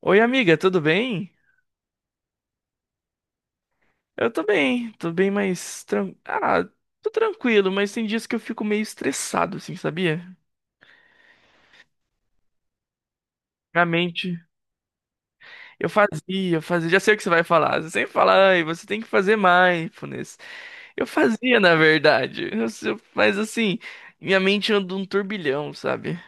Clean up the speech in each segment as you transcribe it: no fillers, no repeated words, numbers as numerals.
Oi, amiga, tudo bem? Eu tô bem, mas. Ah, tô tranquilo, mas tem dias que eu fico meio estressado, assim, sabia? Minha mente. Eu fazia, eu fazia. Já sei o que você vai falar. Você sempre fala, ai, você tem que fazer mindfulness. Eu fazia, na verdade. Eu se- Mas assim, minha mente anda um turbilhão, sabe?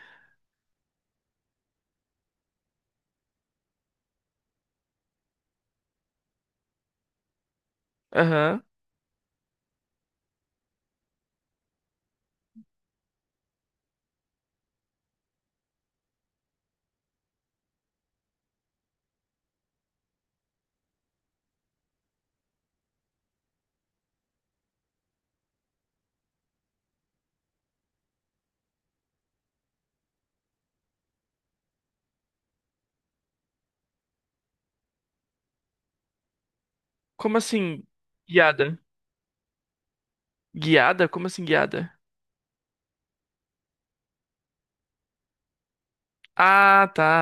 Aham. Como assim? Guiada. Guiada? Como assim, guiada? Ah, tá.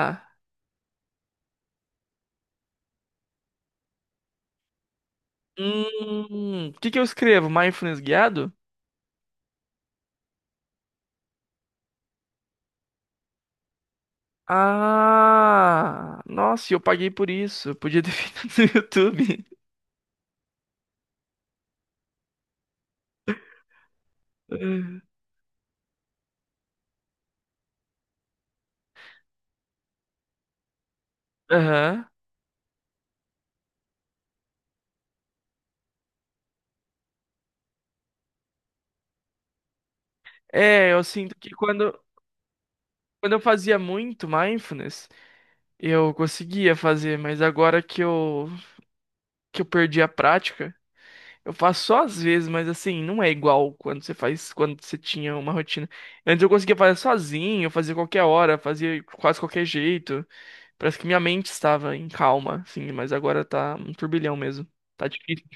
Hum. O que que eu escrevo? Mindfulness guiado? Ah, nossa, e eu paguei por isso. Eu podia ter feito no YouTube. Aham. É, eu sinto que quando eu fazia muito mindfulness, eu conseguia fazer, mas agora que eu perdi a prática, eu faço só às vezes, mas assim, não é igual quando você faz, quando você tinha uma rotina. Antes eu conseguia fazer sozinho, fazer qualquer hora, fazer quase qualquer jeito. Parece que minha mente estava em calma, assim, mas agora tá um turbilhão mesmo. Tá difícil.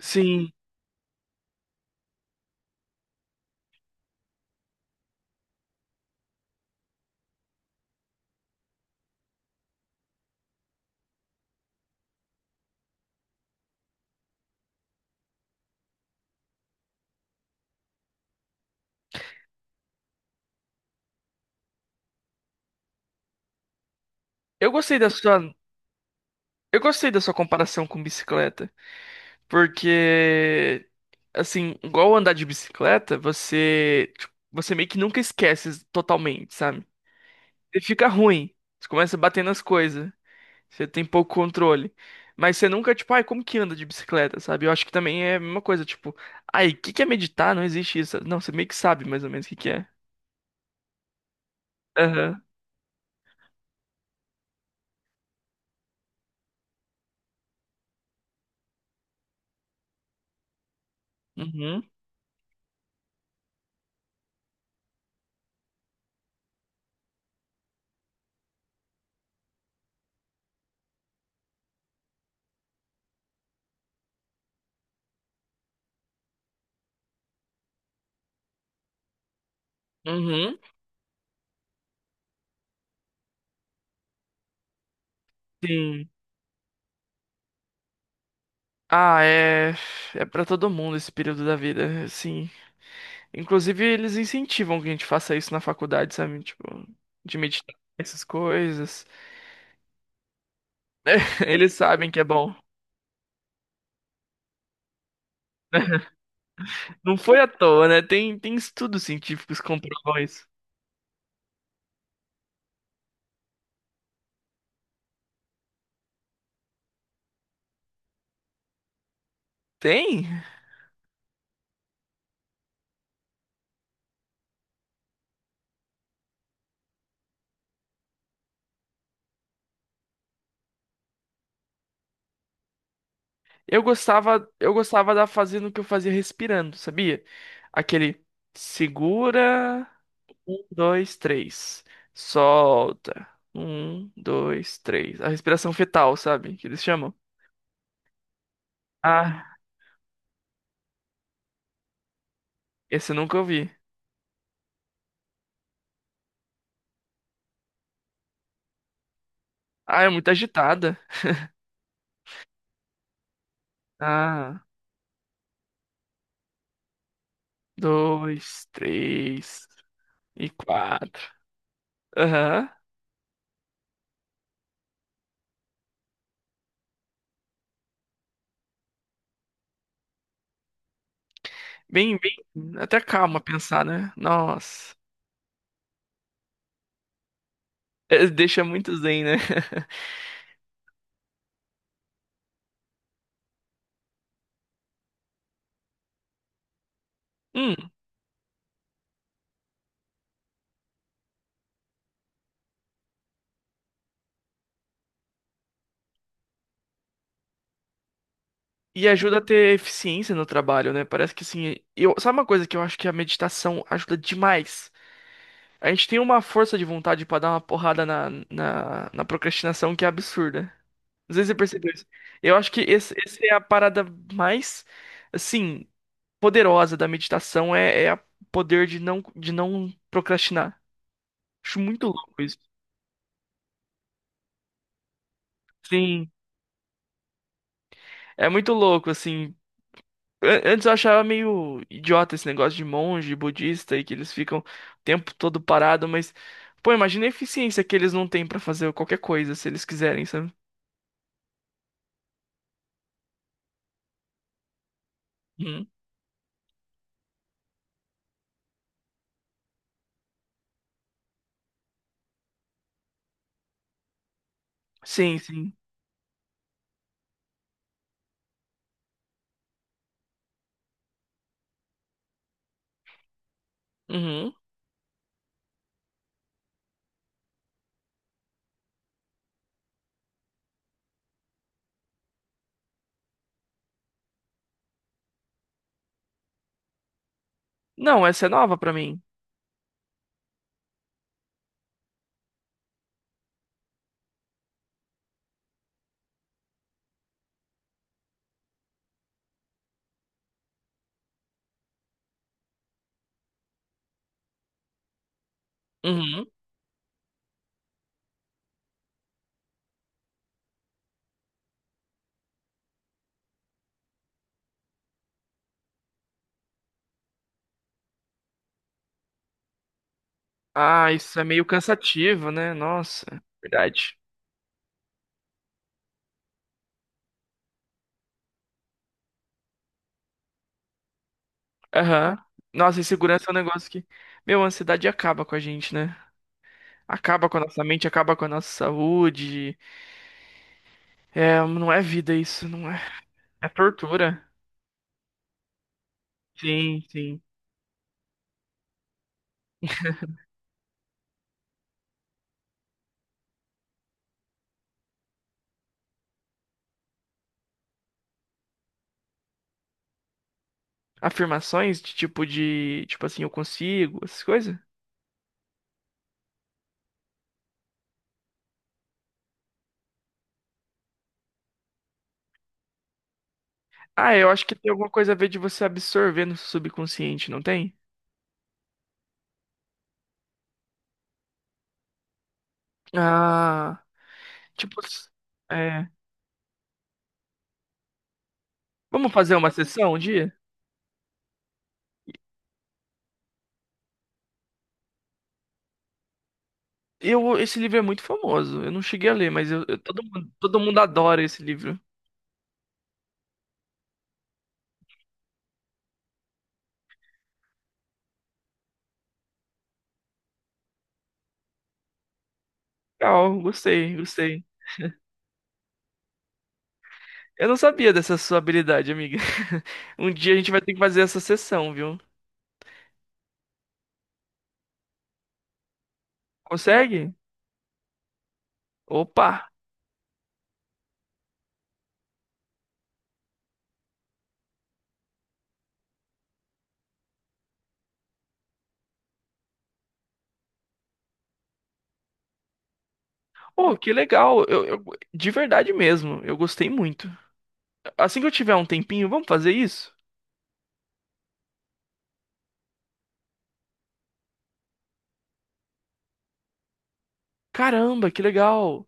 Sim. Eu gostei da sua, eu gostei da sua comparação com bicicleta, porque assim, igual andar de bicicleta, você, tipo, você meio que nunca esquece totalmente, sabe? Você fica ruim, você começa a bater nas coisas, você tem pouco controle, mas você nunca tipo, ai, como que anda de bicicleta, sabe? Eu acho que também é a mesma coisa, tipo, ai, o que que é meditar? Não existe isso. Não, você meio que sabe mais ou menos o que que é. Aham. Uhum. Uhum. Sim. Ah, é. É pra todo mundo esse período da vida, sim. Inclusive, eles incentivam que a gente faça isso na faculdade, sabe? Tipo, de meditar, essas coisas. Eles sabem que é bom. Não foi à toa, né? Tem, tem estudos científicos que comprovam isso. Tem? Eu gostava da fazendo o que eu fazia respirando, sabia? Aquele segura, um, dois, três. Solta. Um, dois, três. A respiração fetal, sabe? Que eles chamam. Ah, esse eu nunca ouvi. Ah, é muito agitada. Ah. Dois, três e quatro. Aham. Bem, bem. Até calma pensar, né? Nossa. É, deixa muito zen, né? Hum, e ajuda a ter eficiência no trabalho, né? Parece que assim, eu, sabe uma coisa que eu acho que a meditação ajuda demais? A gente tem uma força de vontade pra dar uma porrada na procrastinação que é absurda. Às vezes você percebeu isso. Eu acho que essa é a parada mais, assim, poderosa da meditação é o poder de não procrastinar. Acho muito louco isso. Sim, é muito louco, assim. Antes eu achava meio idiota esse negócio de monge, budista e que eles ficam o tempo todo parado, mas, pô, imagina a eficiência que eles não têm pra fazer qualquer coisa se eles quiserem, sabe? Uhum. Sim, sim. Uhum. Não, essa é nova pra mim. Uhum. Ah, isso é meio cansativo, né? Nossa, verdade. Aham. Nossa, insegurança é um negócio que. Meu, a ansiedade acaba com a gente, né? Acaba com a nossa mente, acaba com a nossa saúde. É, não é vida isso, não é. É tortura. Sim, sim. Afirmações de. Tipo assim, eu consigo, essas coisas. Ah, eu acho que tem alguma coisa a ver de você absorver no subconsciente, não tem? Ah, tipo. É. Vamos fazer uma sessão um dia? Eu, esse livro é muito famoso. Eu não cheguei a ler, mas todo mundo adora esse livro. Legal, gostei, gostei. Eu não sabia dessa sua habilidade, amiga. Um dia a gente vai ter que fazer essa sessão, viu? Consegue? Opa! Oh, que legal! De verdade mesmo, eu gostei muito. Assim que eu tiver um tempinho, vamos fazer isso? Caramba, que legal!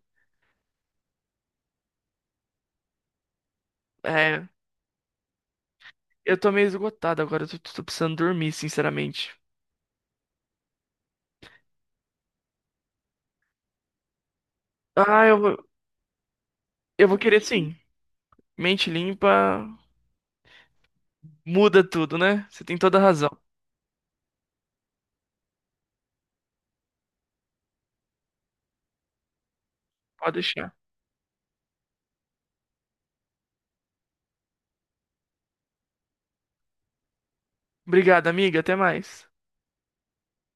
É, eu tô meio esgotado agora, eu tô, precisando dormir, sinceramente. Ah, eu vou querer sim. Mente limpa muda tudo, né? Você tem toda a razão. Pode deixar. Obrigado, amiga, até mais.